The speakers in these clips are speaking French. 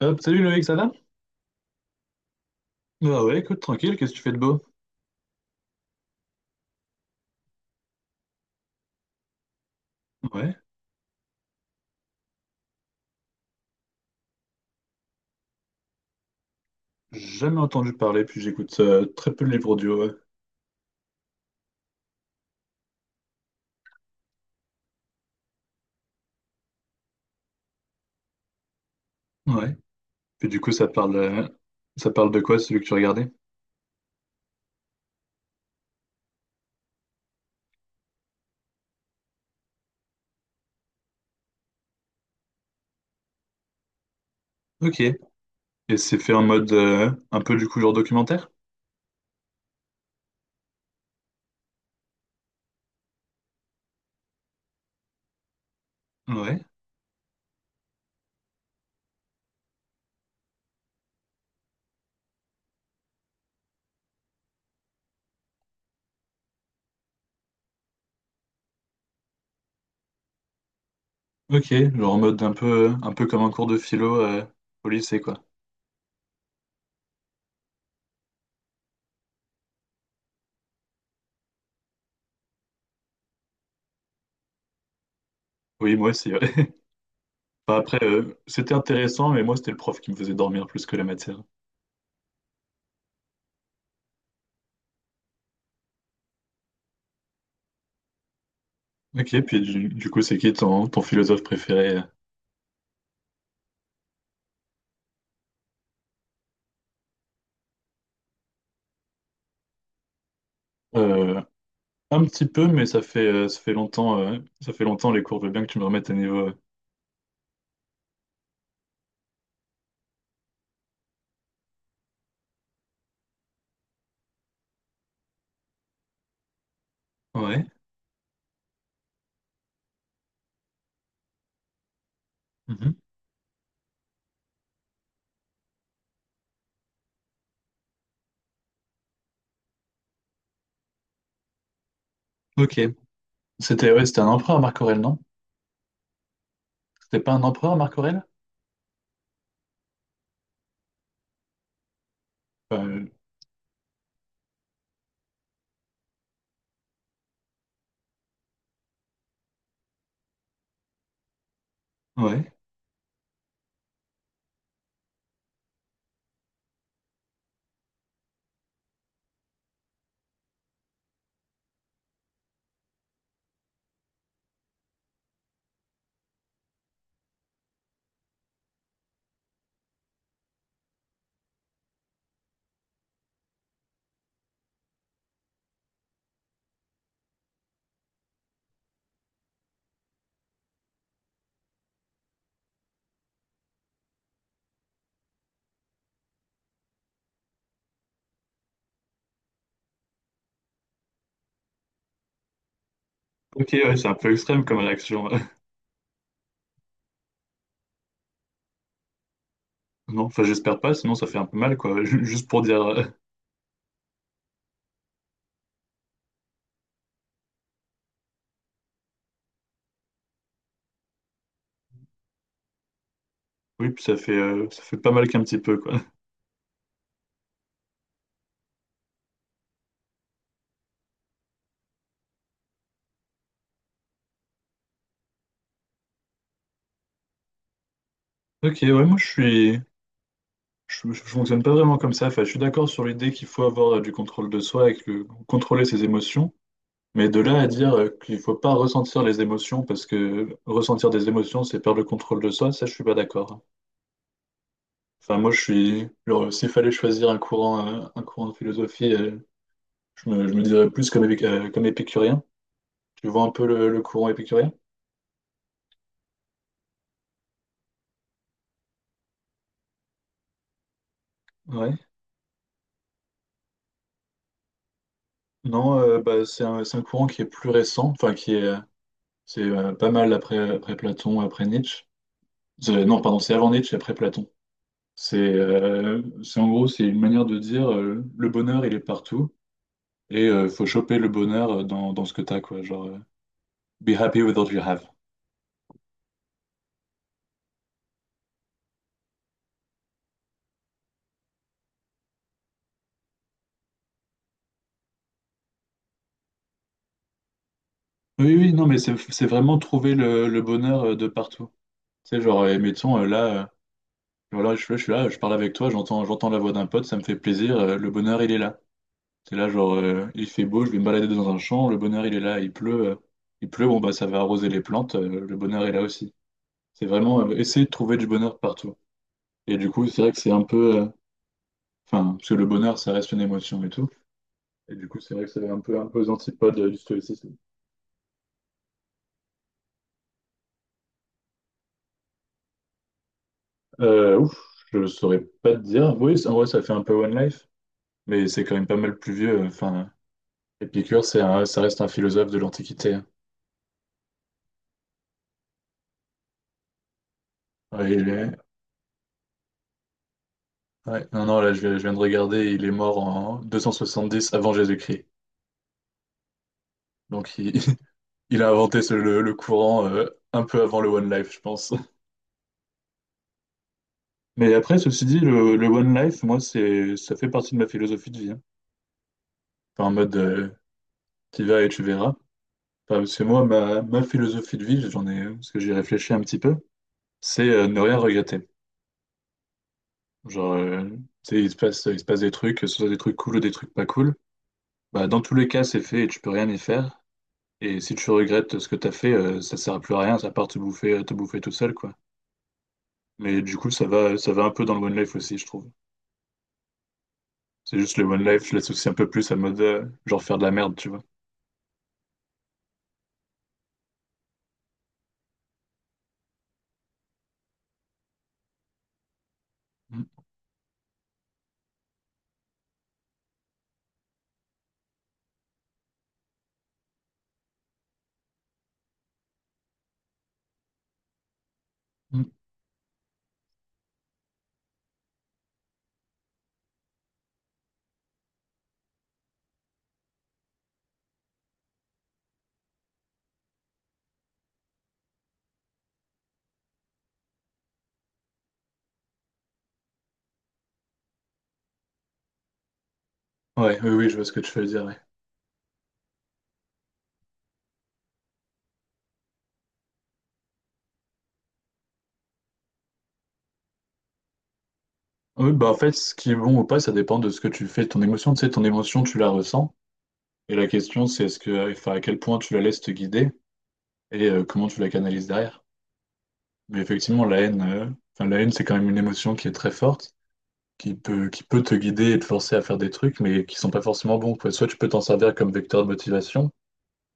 Hop, salut Loïc, ça va? Bah ouais, écoute, tranquille, qu'est-ce que tu fais de beau? Ouais, jamais entendu parler, puis j'écoute très peu de livres audio, ouais. Ouais. Puis du coup, ça parle de quoi, celui que tu regardais? Ok. Et c'est fait en mode un peu du coup genre documentaire? Ouais. Ok, genre en mode un peu comme un cours de philo au lycée, quoi. Oui, moi aussi, ouais. Enfin, après, c'était intéressant, mais moi, c'était le prof qui me faisait dormir plus que la matière. Ok, puis du coup, c'est qui ton, ton philosophe préféré? euh, Un petit peu, mais ça fait longtemps les cours. Je veux bien que tu me remettes à niveau. Ouais. Mhm. Ok. C'était ouais, c'était un empereur, Marc Aurèle, non? C'était pas un empereur, Marc Aurèle? Euh, ouais. Ok, ouais, c'est un peu extrême comme réaction. Non, enfin, j'espère pas, sinon ça fait un peu mal, quoi. Juste pour dire. Oui, puis ça fait pas mal qu'un petit peu, quoi. Ok, ouais, moi je suis. Je fonctionne pas vraiment comme ça. Enfin, je suis d'accord sur l'idée qu'il faut avoir du contrôle de soi et que contrôler ses émotions. Mais de là à dire qu'il faut pas ressentir les émotions, parce que ressentir des émotions, c'est perdre le contrôle de soi, ça, je suis pas d'accord. Enfin, moi, je suis. Genre, s'il fallait choisir un courant de philosophie, je me dirais plus comme, comme épicurien. Tu vois un peu le courant épicurien? Ouais. Non, bah, c'est un courant qui est plus récent, enfin, qui est, c'est pas mal après, après Platon, après Nietzsche. Non, pardon, c'est avant Nietzsche, et après Platon. C'est en gros, c'est une manière de dire le bonheur, il est partout. Et faut choper le bonheur dans, dans ce que t'as, quoi. Genre, be happy with what you have. Oui, oui, non, mais c'est vraiment trouver le bonheur de partout. Tu sais, genre, mettons, là, voilà, je suis là, je parle avec toi, j'entends, j'entends la voix d'un pote, ça me fait plaisir, le bonheur, il est là. C'est là, genre, il fait beau, je vais me balader dans un champ, le bonheur, il est là, il pleut, bon, bah, ça va arroser les plantes, le bonheur est là aussi. C'est vraiment essayer de trouver du bonheur partout. Et du coup, c'est vrai que c'est un peu, enfin, parce que le bonheur, ça reste une émotion et tout. Et du coup, c'est vrai que c'est un peu aux antipodes du stoïcisme. Ouf, je saurais pas te dire. Oui, en vrai, ça fait un peu One Life, mais c'est quand même pas mal plus vieux. Euh, enfin, Épicure, ça reste un philosophe de l'Antiquité, hein. Ouais, il est- Ouais, non, non, là, je viens de regarder, il est mort en 270 avant Jésus-Christ. Donc, il, il a inventé le courant un peu avant le One Life, je pense. Mais après, ceci dit, le One Life, moi, c'est, ça fait partie de ma philosophie de vie, hein. Enfin, en mode, t'y vas et tu verras. Enfin, parce que moi, ma philosophie de vie, j'en ai, parce que j'y réfléchis un petit peu, c'est ne rien regretter. Genre, tu sais, il se passe des trucs, que ce soit des trucs cool ou des trucs pas cool. Bah, dans tous les cas, c'est fait et tu peux rien y faire. Et si tu regrettes ce que t'as fait, ça sert à plus à rien, ça part te bouffer tout seul, quoi. Mais du coup, ça va un peu dans le One Life aussi, je trouve. C'est juste le One Life, je l'associe un peu plus à mode, genre faire de la merde, tu vois. Mm, mm. Ouais, oui, oui, je vois ce que tu veux dire, ouais. Oui, bah en fait, ce qui est bon ou pas, ça dépend de ce que tu fais, de ton émotion. Tu sais, ton émotion, tu la ressens. Et la question, c'est est-ce que, enfin, à quel point tu la laisses te guider et comment tu la canalises derrière. Mais effectivement, la haine, enfin, la haine, c'est quand même une émotion qui est très forte, qui peut te guider et te forcer à faire des trucs, mais qui sont pas forcément bons, quoi. Soit tu peux t'en servir comme vecteur de motivation,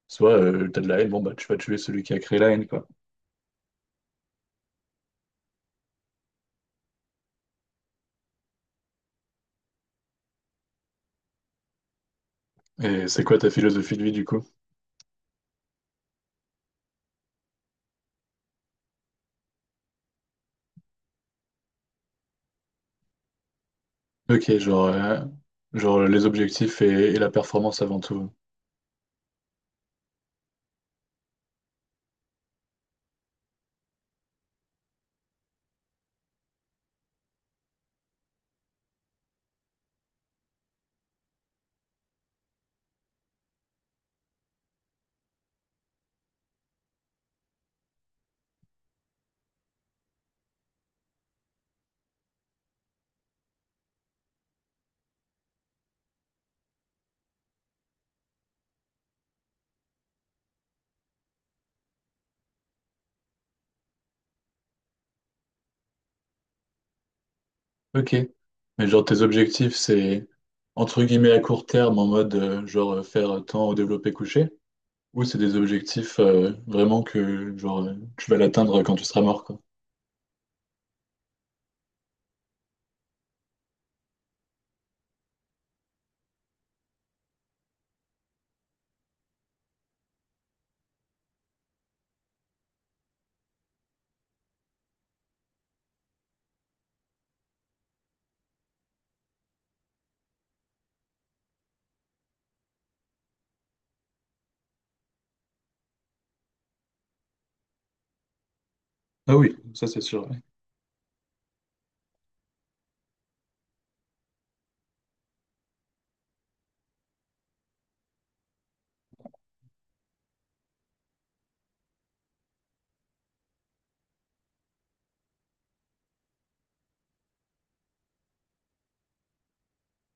soit tu t'as de la haine, bon bah tu vas tuer celui qui a créé la haine, quoi. Et c'est quoi ta philosophie de vie du coup? Ok, genre, genre les objectifs et la performance avant tout. Ok. Mais genre tes objectifs, c'est entre guillemets à court terme, en mode genre faire tant au développé couché, ou c'est des objectifs vraiment que genre tu vas l'atteindre quand tu seras mort, quoi. Ah oui, ça c'est sûr. Ouais.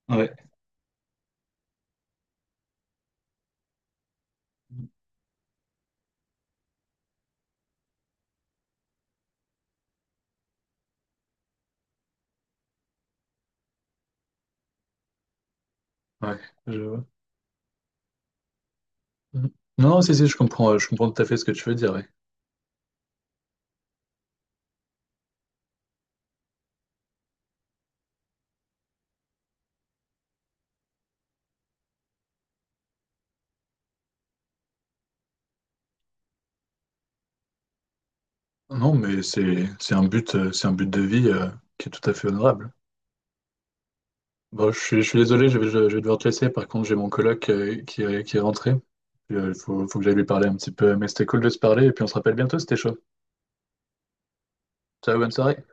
Ouais, ouais, je vois. Mhm. Non, non, si, si, je comprends tout à fait ce que tu veux dire, ouais. Non, mais c'est un but de vie qui est tout à fait honorable. Bon, je suis désolé, je vais devoir te laisser. Par contre, j'ai mon coloc qui est rentré. Puis, il faut que j'aille lui parler un petit peu. Mais c'était cool de se parler et puis on se rappelle bientôt, c'était chaud. Ciao, bonne soirée.